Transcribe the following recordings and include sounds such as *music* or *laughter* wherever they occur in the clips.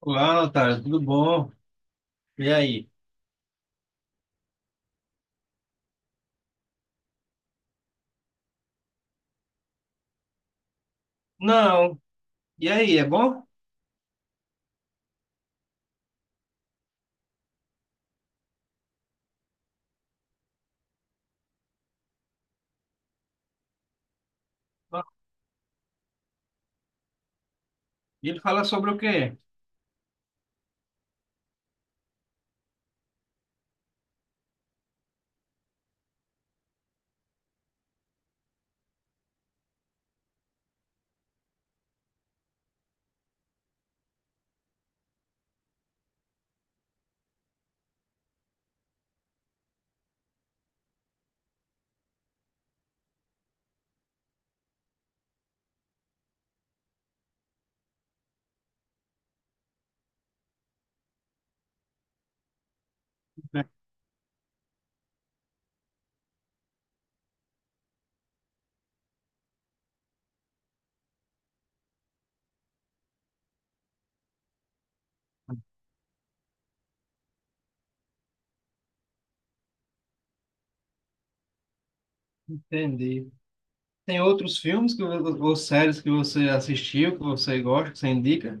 Olá, Otário, tudo bom? E aí? Não. E aí, é bom? Bom. E ele fala sobre o quê? Entendi. Tem outros filmes ou séries que você assistiu, que você gosta, que você indica?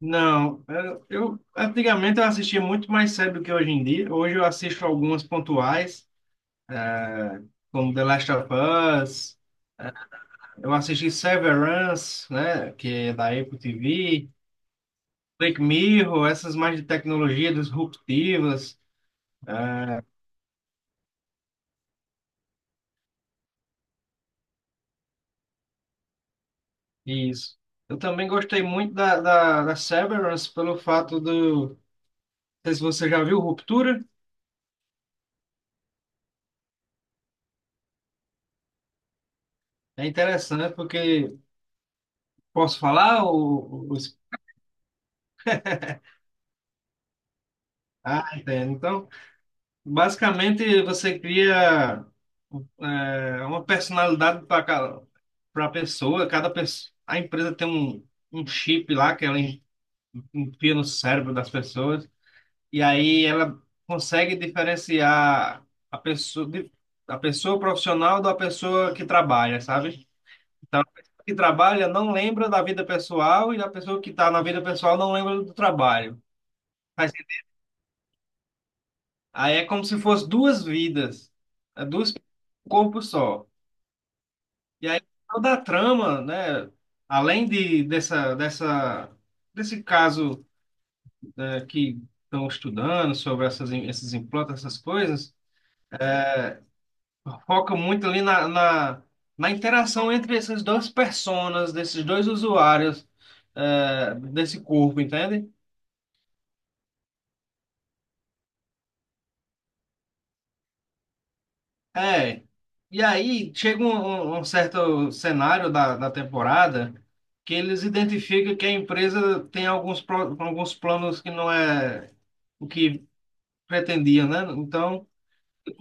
Não. Antigamente eu assistia muito mais série do que hoje em dia. Hoje eu assisto algumas pontuais, eh, como The Last of Us. Eu assisti Severance, né, que é da Apple TV. Black Mirror, essas mais de tecnologia disruptivas. é, Isso. Eu também gostei muito da Severance pelo fato do. Não sei se você já viu Ruptura. É interessante porque. Posso falar? Ah, entendo. Então, basicamente, você cria uma personalidade para cada pra pessoa. Cada pessoa. A empresa tem um chip lá que enfia no cérebro das pessoas. E aí ela consegue diferenciar a pessoa profissional da pessoa que trabalha, sabe? Então, a pessoa que trabalha não lembra da vida pessoal e a pessoa que está na vida pessoal não lembra do trabalho. Mas aí é como se fosse duas vidas, é duas um corpo só. E aí toda a trama, né? Além de dessa dessa desse caso, né, que estão estudando sobre essas esses implantes, essas coisas. Foca muito ali na interação entre essas duas personas, desses dois usuários, é, desse corpo, entende? É. E aí chega um certo cenário da temporada que eles identificam que a empresa tem alguns planos que não é o que pretendia, né? Então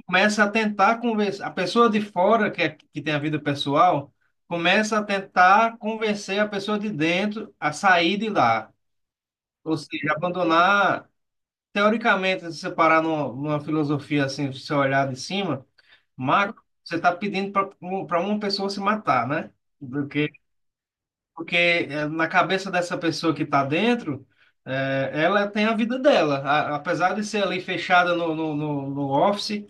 começa a tentar convencer. A pessoa de fora, que, é, que tem a vida pessoal, começa a tentar convencer a pessoa de dentro a sair de lá. Ou seja, abandonar, teoricamente, se você parar numa filosofia assim, se você olhar de cima, macro, você está pedindo para uma pessoa se matar, né? Porque, porque na cabeça dessa pessoa que está dentro, ela tem a vida dela. Apesar de ser ali fechada no office,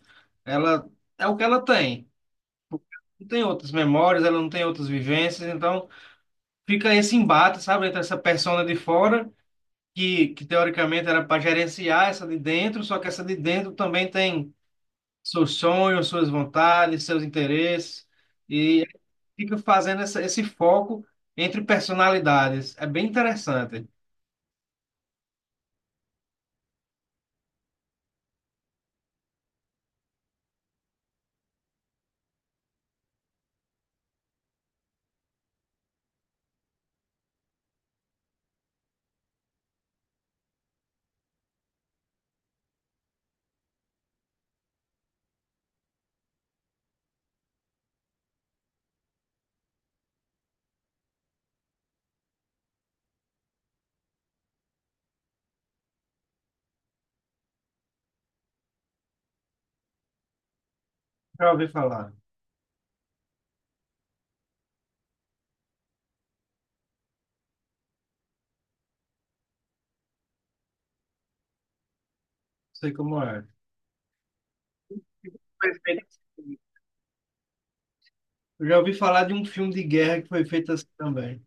ela é o que ela tem. Não tem outras memórias, ela não tem outras vivências, então fica esse embate, sabe, entre essa persona de fora que teoricamente era para gerenciar essa de dentro, só que essa de dentro também tem seus sonhos, suas vontades, seus interesses, e fica fazendo esse foco entre personalidades. É bem interessante. Já ouvi falar, sei como é. Perfeito. Eu já ouvi falar de um filme de guerra que foi feito assim também.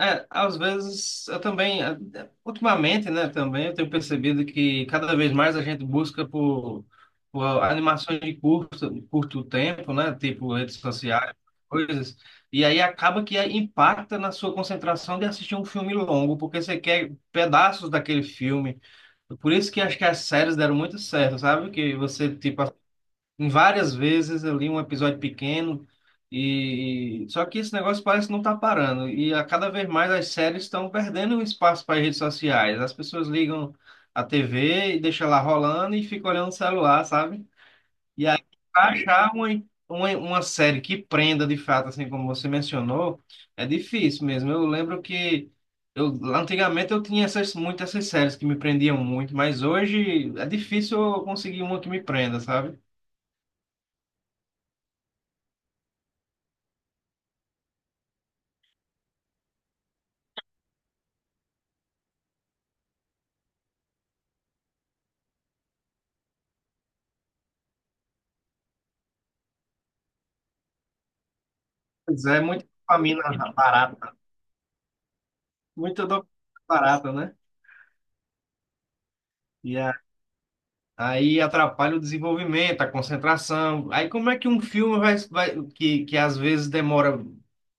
É, às vezes eu também, ultimamente, né, também eu tenho percebido que cada vez mais a gente busca por animações de curto tempo, né, tipo redes sociais, coisas, e aí acaba que impacta na sua concentração de assistir um filme longo, porque você quer pedaços daquele filme. Por isso que acho que as séries deram muito certo, sabe? Que você, tipo, em várias vezes eu li um episódio pequeno e só que esse negócio parece que não tá parando e a cada vez mais as séries estão perdendo espaço para as redes sociais. As pessoas ligam a TV e deixam lá rolando e ficam olhando o celular, sabe? E aí pra achar uma série que prenda de fato, assim como você mencionou, é difícil mesmo. Eu lembro que eu antigamente eu tinha essas muitas essas séries que me prendiam muito, mas hoje é difícil eu conseguir uma que me prenda, sabe? Pois é, muita dopamina barata. Muita dopamina barata, né? E a- Aí atrapalha o desenvolvimento, a concentração. Aí como é que um filme que às vezes demora,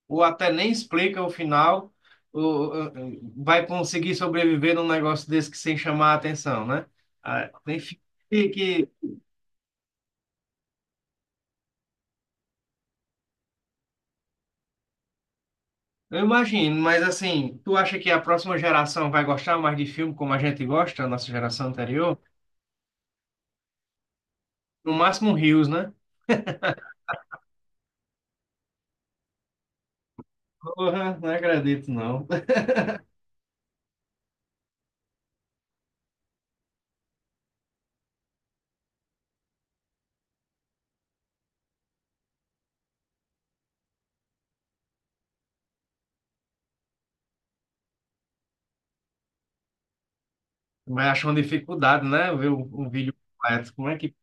ou até nem explica o final, ou, vai conseguir sobreviver num negócio desse que sem chamar a atenção, né? Ah, tem filme que, que- eu imagino, mas assim, tu acha que a próxima geração vai gostar mais de filme como a gente gosta, a nossa geração anterior? No máximo Rios, né? Porra, não acredito, não. Vai achar uma dificuldade, né? Ver o vídeo completo. Como é que.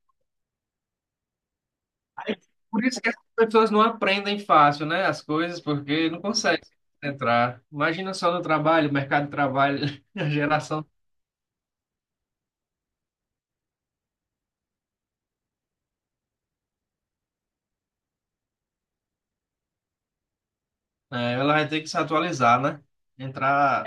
Por isso que as pessoas não aprendem fácil, né? As coisas, porque não conseguem entrar. Imagina só no trabalho, mercado de trabalho, *laughs* a geração. É, ela vai ter que se atualizar, né? Entrar.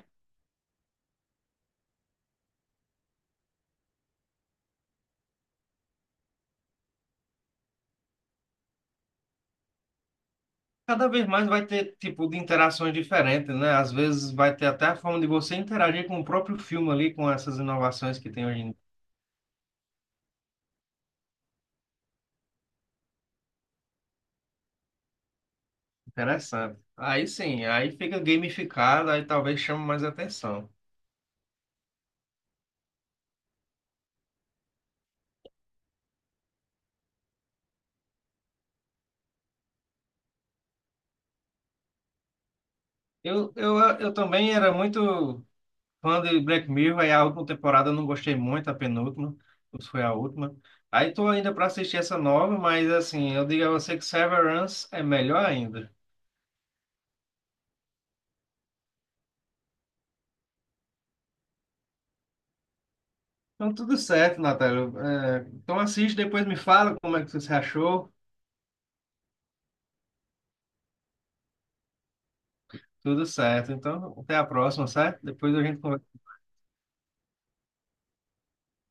Cada vez mais vai ter tipo de interações diferentes, né? Às vezes vai ter até a forma de você interagir com o próprio filme ali, com essas inovações que tem hoje em dia. Interessante. Aí sim, aí fica gamificado, aí talvez chame mais atenção. Eu também era muito fã de Black Mirror, aí a última temporada eu não gostei muito, a penúltima, ou se foi a última. Aí tô ainda para assistir essa nova, mas assim, eu digo a você que Severance é melhor ainda. Então tudo certo, Natália. É, então assiste, depois me fala como é que você achou. Tudo certo. Então até a próxima, certo? Depois a gente conversa.